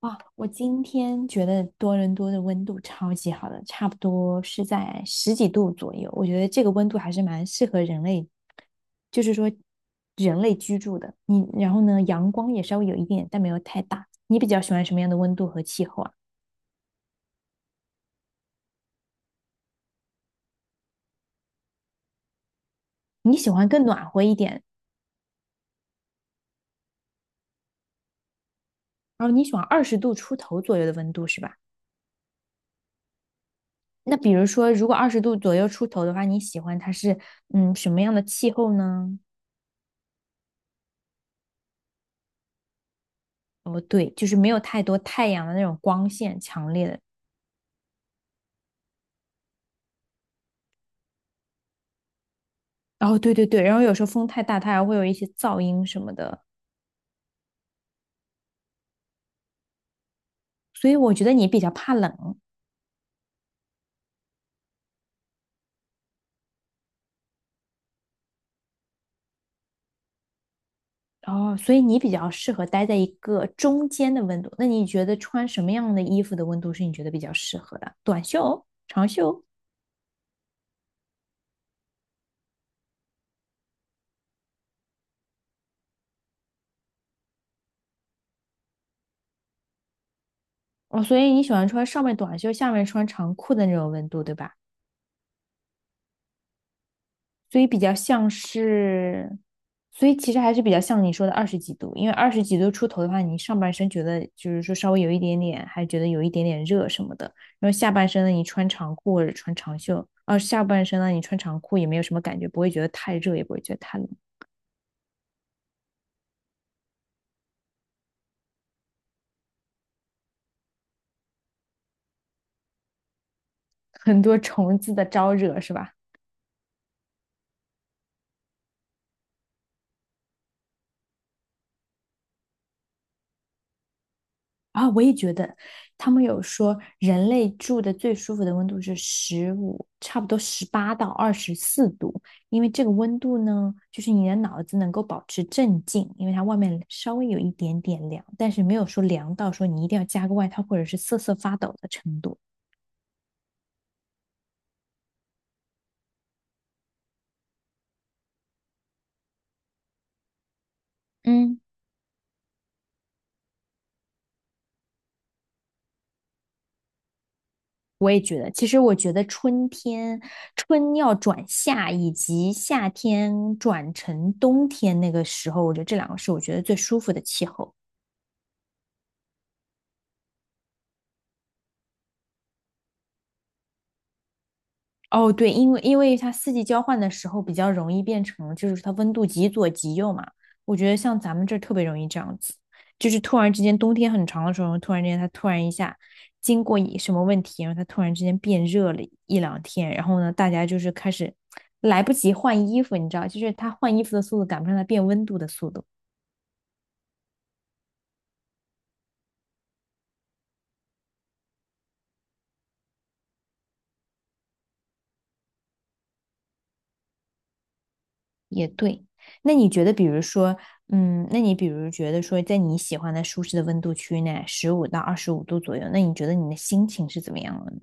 哇，我今天觉得多伦多的温度超级好的，差不多是在十几度左右。我觉得这个温度还是蛮适合人类，就是说人类居住的。你然后呢，阳光也稍微有一点，但没有太大。你比较喜欢什么样的温度和气候啊？你喜欢更暖和一点，然后你喜欢二十度出头左右的温度是吧？那比如说，如果二十度左右出头的话，你喜欢它是什么样的气候呢？哦，对，就是没有太多太阳的那种光线强烈的，哦，对对对，然后有时候风太大，它还会有一些噪音什么的，所以我觉得你比较怕冷，哦，所以你比较适合待在一个中间的温度。那你觉得穿什么样的衣服的温度是你觉得比较适合的？短袖、长袖？哦，所以你喜欢穿上面短袖，下面穿长裤的那种温度，对吧？所以比较像是，所以其实还是比较像你说的二十几度，因为二十几度出头的话，你上半身觉得就是说稍微有一点点，还觉得有一点点热什么的，然后下半身呢，你穿长裤或者穿长袖，啊，下半身呢，你穿长裤也没有什么感觉，不会觉得太热，也不会觉得太冷，很多虫子的招惹是吧？啊，我也觉得，他们有说人类住的最舒服的温度是十五，差不多18到24度，因为这个温度呢，就是你的脑子能够保持镇静，因为它外面稍微有一点点凉，但是没有说凉到说你一定要加个外套或者是瑟瑟发抖的程度。嗯，我也觉得，其实我觉得春天，春要转夏，以及夏天转成冬天那个时候，我觉得这两个是我觉得最舒服的气候。哦，对，因为它四季交换的时候比较容易变成，就是它温度极左极右嘛。我觉得像咱们这儿特别容易这样子，就是突然之间冬天很长的时候，突然之间它突然一下经过一什么问题，然后它突然之间变热了一两天，然后呢，大家就是开始来不及换衣服，你知道，就是它换衣服的速度赶不上它变温度的速度。也对，那你觉得，比如说，嗯，那你比如觉得说，在你喜欢的舒适的温度区内，15到25度左右，那你觉得你的心情是怎么样的呢？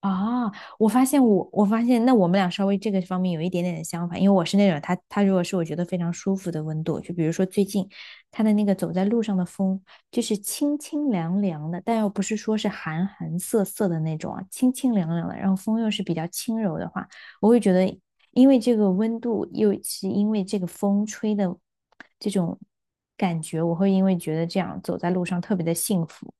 啊，我发现那我们俩稍微这个方面有一点点的相反，因为我是那种他如果是我觉得非常舒服的温度，就比如说最近他的那个走在路上的风，就是清清凉凉的，但又不是说是寒寒涩涩的那种啊，清清凉凉的，然后风又是比较轻柔的话，我会觉得，因为这个温度又是因为这个风吹的这种感觉，我会因为觉得这样走在路上特别的幸福，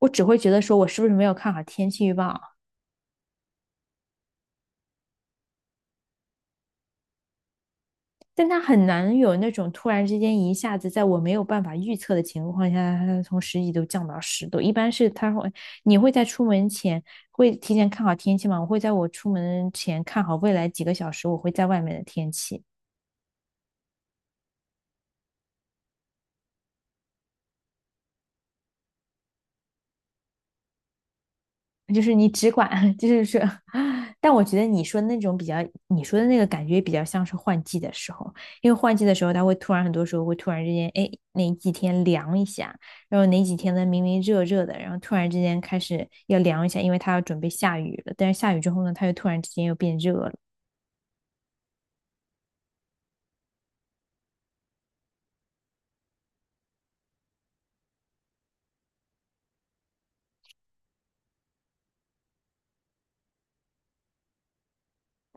我只会觉得说我是不是没有看好天气预报。但它很难有那种突然之间一下子在我没有办法预测的情况下，它从十几度降到十度。一般是它会，你会在出门前会提前看好天气吗？我会在我出门前看好未来几个小时我会在外面的天气。就是你只管，就是说，但我觉得你说那种比较，你说的那个感觉比较像是换季的时候，因为换季的时候，它会突然很多时候会突然之间，哎，哪几天凉一下，然后哪几天呢明明热热的，然后突然之间开始要凉一下，因为它要准备下雨了，但是下雨之后呢，它又突然之间又变热了，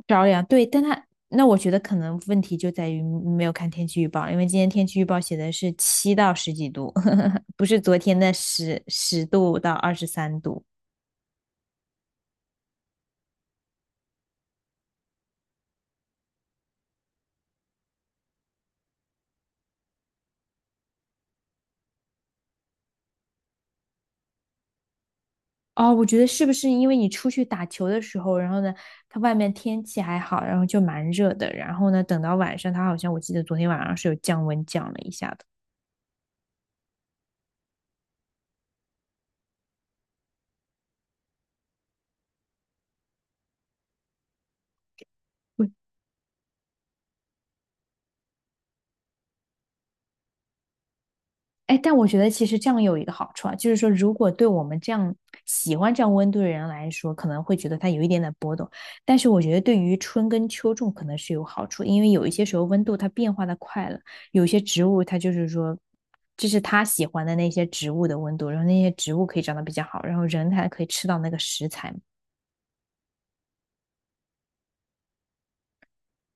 着凉。对，但它那我觉得可能问题就在于没有看天气预报，因为今天天气预报写的是7到10几度，不是昨天的十度到23度。哦，我觉得是不是因为你出去打球的时候，然后呢，它外面天气还好，然后就蛮热的，然后呢，等到晚上，它好像我记得昨天晚上是有降温降了一下。哎，但我觉得其实这样有一个好处啊，就是说，如果对我们这样喜欢这样温度的人来说，可能会觉得它有一点点波动，但是我觉得对于春耕秋种可能是有好处，因为有一些时候温度它变化的快了，有些植物它就是说，这是它喜欢的那些植物的温度，然后那些植物可以长得比较好，然后人还可以吃到那个食材嘛。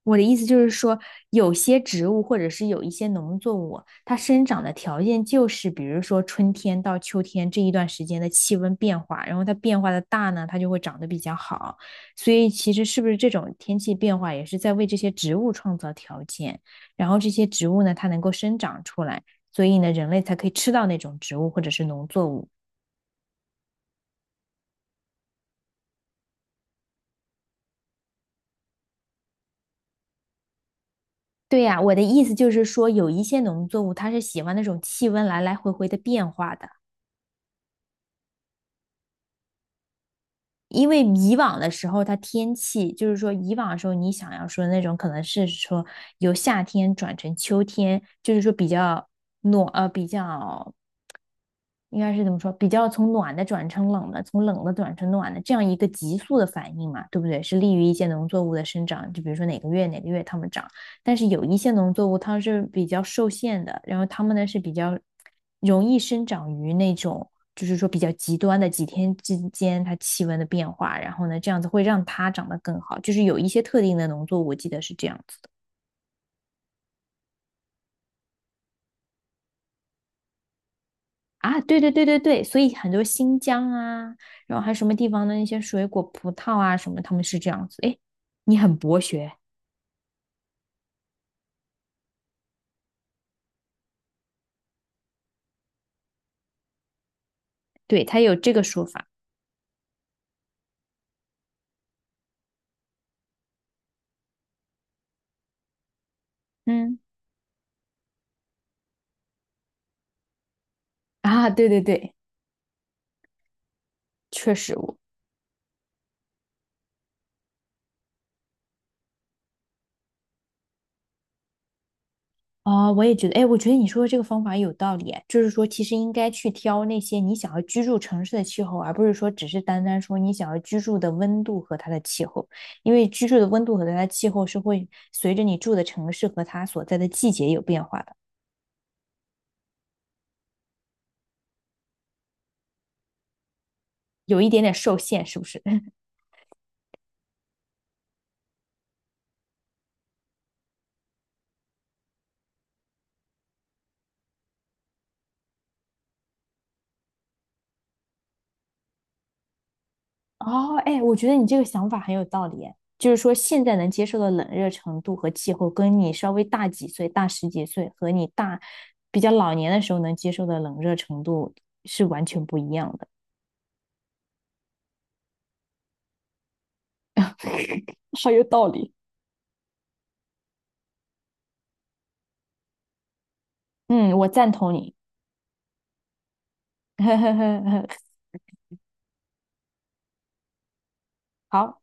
我的意思就是说，有些植物或者是有一些农作物，它生长的条件就是，比如说春天到秋天这一段时间的气温变化，然后它变化的大呢，它就会长得比较好。所以其实是不是这种天气变化也是在为这些植物创造条件，然后这些植物呢，它能够生长出来，所以呢，人类才可以吃到那种植物或者是农作物。对呀，我的意思就是说，有一些农作物它是喜欢那种气温来来回回的变化的。因为以往的时候，它天气就是说，以往的时候你想要说那种可能是说由夏天转成秋天，就是说比较比较应该是怎么说？比较从暖的转成冷的，从冷的转成暖的，这样一个急速的反应嘛，对不对？是利于一些农作物的生长，就比如说哪个月哪个月它们长，但是有一些农作物它是比较受限的，然后它们呢是比较容易生长于那种就是说比较极端的几天之间它气温的变化，然后呢这样子会让它长得更好，就是有一些特定的农作物，我记得是这样子。的。啊，对对对对对，所以很多新疆啊，然后还有什么地方的那些水果、葡萄啊什么，他们是这样子。哎，你很博学，对，他有这个说法。嗯，啊，对对对，确实我，哦，我也觉得，哎，我觉得你说的这个方法有道理啊，就是说其实应该去挑那些你想要居住城市的气候，而不是说只是单单说你想要居住的温度和它的气候，因为居住的温度和它的气候是会随着你住的城市和它所在的季节有变化的，有一点点受限，是不是？哦，哎，我觉得你这个想法很有道理，哎，就是说现在能接受的冷热程度和气候，跟你稍微大几岁、大10几岁和你大比较老年的时候能接受的冷热程度是完全不一样的。好有道理。嗯，我赞同你。呵呵呵呵，好。